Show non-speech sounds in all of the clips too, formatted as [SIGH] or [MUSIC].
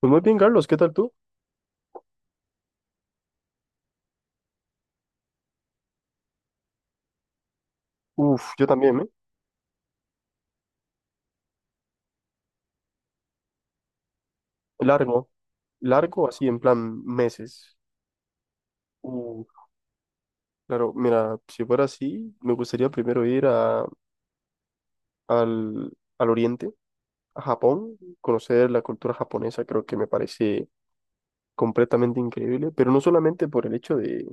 Pues muy bien, Carlos, ¿qué tal tú? Yo también, ¿eh? Largo, largo, así en plan meses. Uh, claro, mira, si fuera así, me gustaría primero ir al, al oriente, a Japón, conocer la cultura japonesa, creo que me parece completamente increíble, pero no solamente por el hecho de,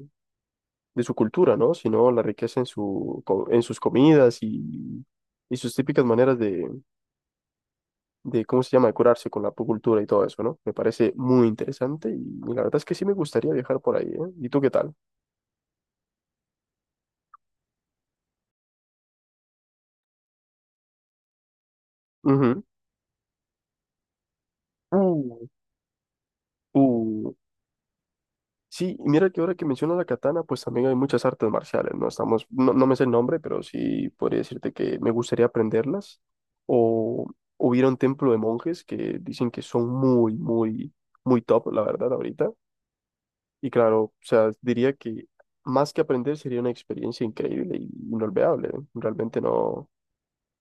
de su cultura, ¿no? Sino la riqueza en su, en sus comidas y sus típicas maneras de cómo se llama, de curarse con la acupuntura y todo eso, ¿no? Me parece muy interesante y la verdad es que sí me gustaría viajar por ahí, ¿eh? ¿Y tú qué tal? Ujú. Uh, uh. Sí, y mira que ahora que mencionas la katana, pues también hay muchas artes marciales, ¿no? No, me sé el nombre, pero sí podría decirte que me gustaría aprenderlas. O hubiera un templo de monjes que dicen que son muy top, la verdad, ahorita. Y claro, o sea, diría que más que aprender sería una experiencia increíble y inolvidable. ¿Eh? Realmente no.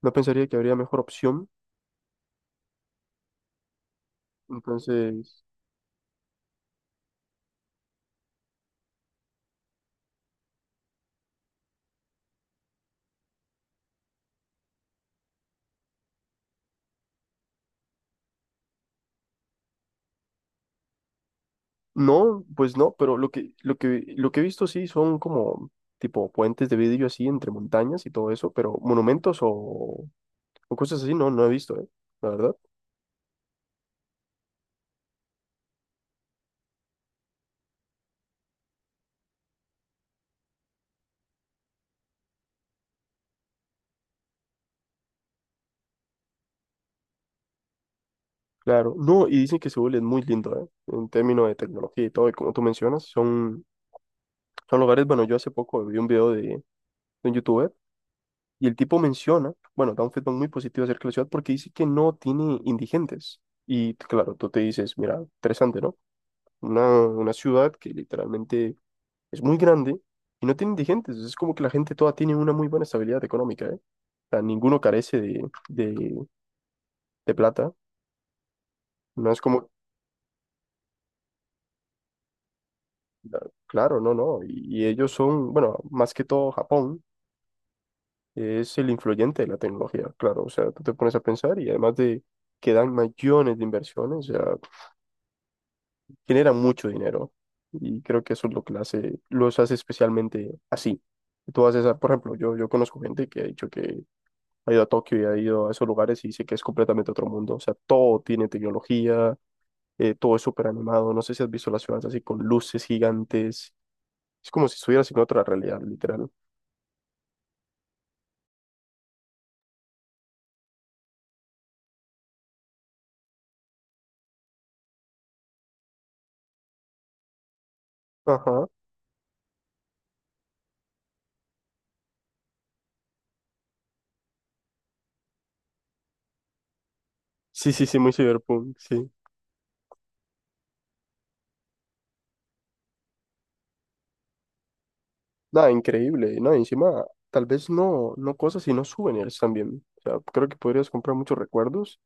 No pensaría que habría mejor opción. Entonces, no, pues no, pero lo que he visto sí son como tipo puentes de vidrio así entre montañas y todo eso, pero monumentos o cosas así no, no he visto, ¿eh? La verdad. Claro, no, y dicen que Seúl es muy lindo, ¿eh? En términos de tecnología y todo, y como tú mencionas, son lugares, bueno, yo hace poco vi un video de un youtuber y el tipo menciona, bueno, da un feedback muy positivo acerca de la ciudad porque dice que no tiene indigentes. Y claro, tú te dices, mira, interesante, ¿no? Una una ciudad que literalmente es muy grande y no tiene indigentes. Es como que la gente toda tiene una muy buena estabilidad económica, ¿eh? O sea, ninguno carece de plata. No es como, claro, no, no. Y y, ellos son, bueno, más que todo Japón es el influyente de la tecnología, claro. O sea, tú te pones a pensar y además de que dan millones de inversiones, o sea, generan mucho dinero. Y creo que eso es lo que la hace, los hace especialmente así. Tú haces, ah, por ejemplo, yo conozco gente que ha dicho que ha ido a Tokio y ha ido a esos lugares y dice que es completamente otro mundo. O sea, todo tiene tecnología, todo es súper animado. No sé si has visto las ciudades así con luces gigantes. Es como si estuvieras en otra realidad, literal. Ajá. Sí, muy cyberpunk, sí. Nada, increíble, ¿no? Encima, tal vez no, no cosas, sino souvenirs también. O sea, creo que podrías comprar muchos recuerdos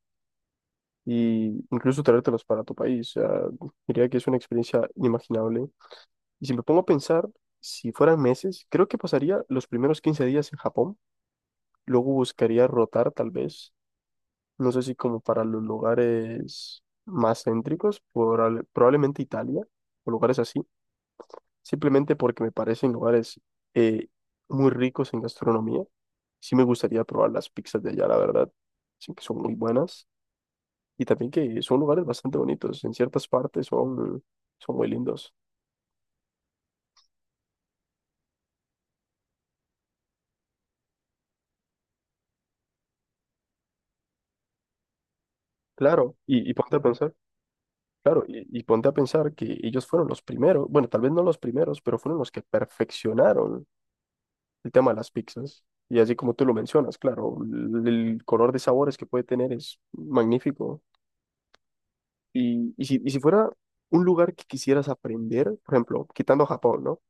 y incluso traértelos para tu país. O sea, diría que es una experiencia inimaginable. Y si me pongo a pensar, si fueran meses, creo que pasaría los primeros 15 días en Japón. Luego buscaría rotar, tal vez. No sé si como para los lugares más céntricos, probablemente Italia o lugares así, simplemente porque me parecen lugares eh, muy ricos en gastronomía. Sí me gustaría probar las pizzas de allá, la verdad. Sí que son muy buenas y también que son lugares bastante bonitos. En ciertas partes son muy lindos. Claro, claro, y ponte a pensar que ellos fueron los primeros, bueno, tal vez no los primeros, pero fueron los que perfeccionaron el tema de las pizzas. Y así como tú lo mencionas, claro, el color de sabores que puede tener es magnífico. Y si fuera un lugar que quisieras aprender, por ejemplo, quitando Japón, ¿no?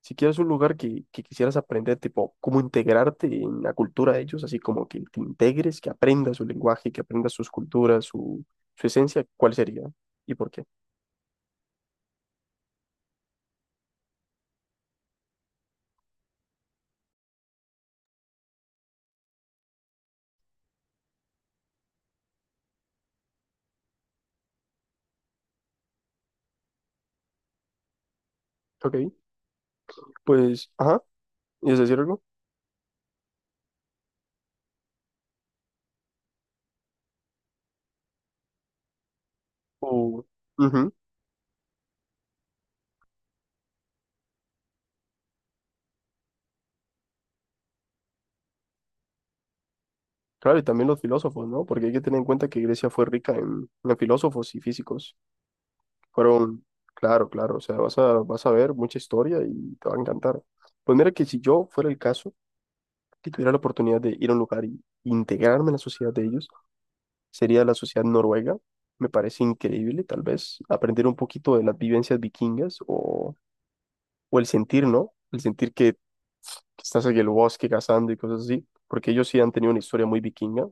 Si quieres un lugar que quisieras aprender, tipo, cómo integrarte en la cultura de ellos, así como que te integres, que aprendas su lenguaje, que aprendas sus culturas, su esencia, ¿cuál sería? ¿Y por qué? Ok, pues, ajá, ¿y es decir algo? O- ujú. Claro, y también los filósofos, ¿no? Porque hay que tener en cuenta que Grecia fue rica en filósofos y físicos. Fueron, claro, claro, o sea, vas a ver mucha historia y te va a encantar. Pues mira que si yo fuera el caso, que tuviera la oportunidad de ir a un lugar y integrarme en la sociedad de ellos, sería la sociedad noruega. Me parece increíble, tal vez, aprender un poquito de las vivencias vikingas o el sentir, ¿no? El sentir que estás en el bosque cazando y cosas así, porque ellos sí han tenido una historia muy vikinga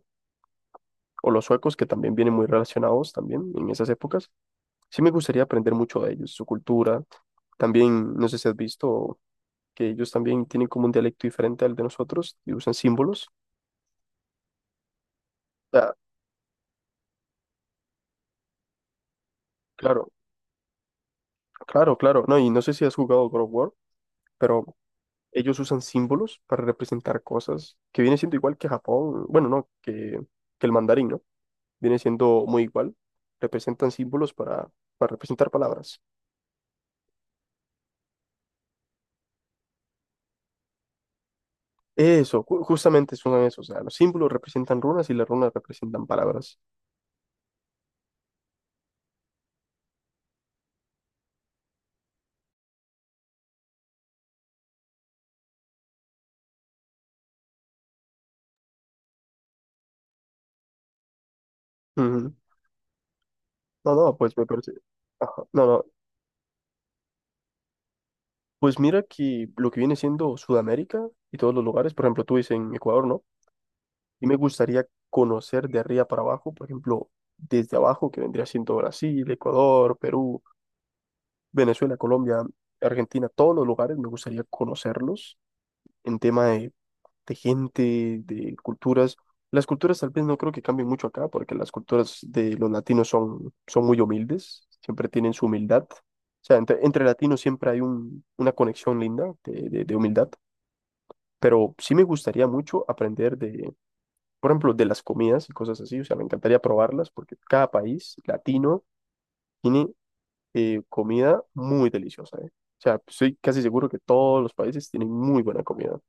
o los suecos, que también vienen muy relacionados también en esas épocas. Sí me gustaría aprender mucho de ellos, su cultura. También, no sé si has visto que ellos también tienen como un dialecto diferente al de nosotros y usan símbolos. Ah, claro, claro, claro. No, y no sé si has jugado God of War, pero ellos usan símbolos para representar cosas que viene siendo igual que Japón, bueno, no, que el mandarín, ¿no? Viene siendo muy igual. Representan símbolos para representar palabras. Eso, justamente es uno de. O sea, los símbolos representan runas y las runas representan palabras. Ujú. No, no, pues me parece. Ajá. No, no. Pues mira que lo que viene siendo Sudamérica y todos los lugares, por ejemplo, tú dices en Ecuador, ¿no? Y me gustaría conocer de arriba para abajo, por ejemplo, desde abajo, que vendría siendo Brasil, Ecuador, Perú, Venezuela, Colombia, Argentina, todos los lugares, me gustaría conocerlos en tema de gente, de culturas. Las culturas tal vez no creo que cambien mucho acá, porque las culturas de los latinos son muy humildes, siempre tienen su humildad. O sea, entre latinos siempre hay una conexión linda de humildad, pero sí me gustaría mucho aprender de, por ejemplo, de las comidas y cosas así, o sea, me encantaría probarlas, porque cada país latino tiene comida muy deliciosa, ¿eh? O sea, estoy casi seguro que todos los países tienen muy buena comida.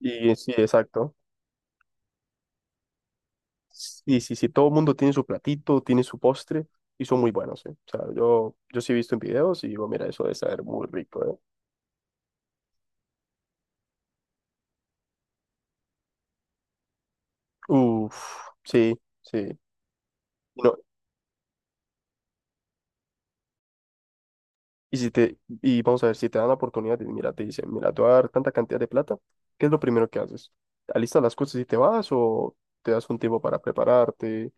Y sí, exacto. Sí, todo el mundo tiene su platito, tiene su postre y son muy buenos, ¿eh? O sea, yo sí he visto en videos y digo, mira, eso debe saber muy rico, ¿eh? Uf, sí, sí. No, y vamos a ver, si te dan la oportunidad, y mira, te dicen, mira, te voy a dar tanta cantidad de plata, ¿qué es lo primero que haces? ¿Alistas las cosas y te vas o te das un tiempo para prepararte?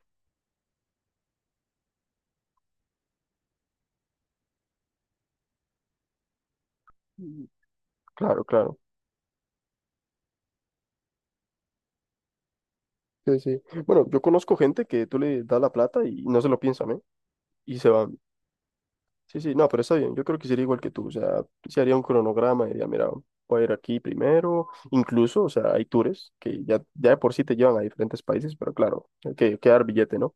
Mm, claro, claro. Sí, sí. Bueno, yo conozco gente que tú le das la plata y no se lo piensan, ¿eh? Y se van. Sí, sí, no, pero está bien. Yo creo que sería igual que tú. O sea, se haría un cronograma y diría, mira, voy a ir aquí primero. Incluso, o sea, hay tours ya de por sí te llevan a diferentes países, pero claro, hay que dar billete, ¿no?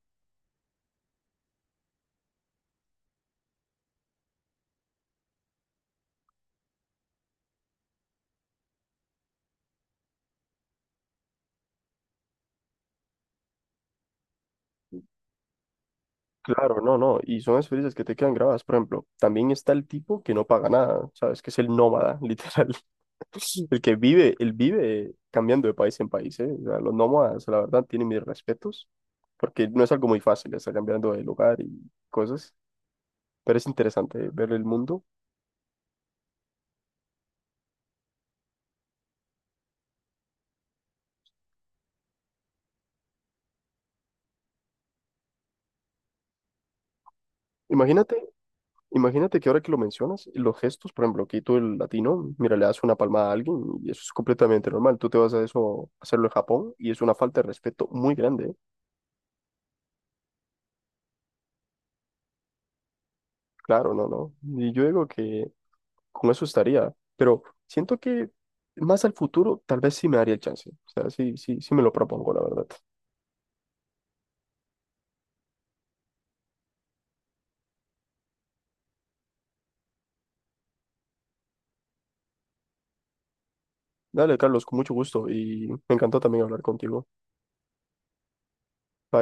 Claro, no, no. Y son experiencias que te quedan grabadas. Por ejemplo, también está el tipo que no paga nada, ¿sabes? Que es el nómada, [LAUGHS] literal. El que vive, él vive cambiando de país en país, ¿eh? O sea, los nómadas, la verdad, tienen mis respetos, porque no es algo muy fácil estar cambiando de lugar y cosas, pero es interesante ver el mundo. Imagínate Imagínate que ahora que lo mencionas, los gestos, por ejemplo, aquí tú el latino, mira, le das una palmada a alguien y eso es completamente normal. Tú te vas a eso, a hacerlo en Japón y es una falta de respeto muy grande. ¿Eh? Claro, no, no. Y yo digo que con eso estaría, pero siento que más al futuro tal vez sí me daría el chance. O sea, sí me lo propongo, la verdad. Dale, Carlos, con mucho gusto y me encantó también hablar contigo. Bye.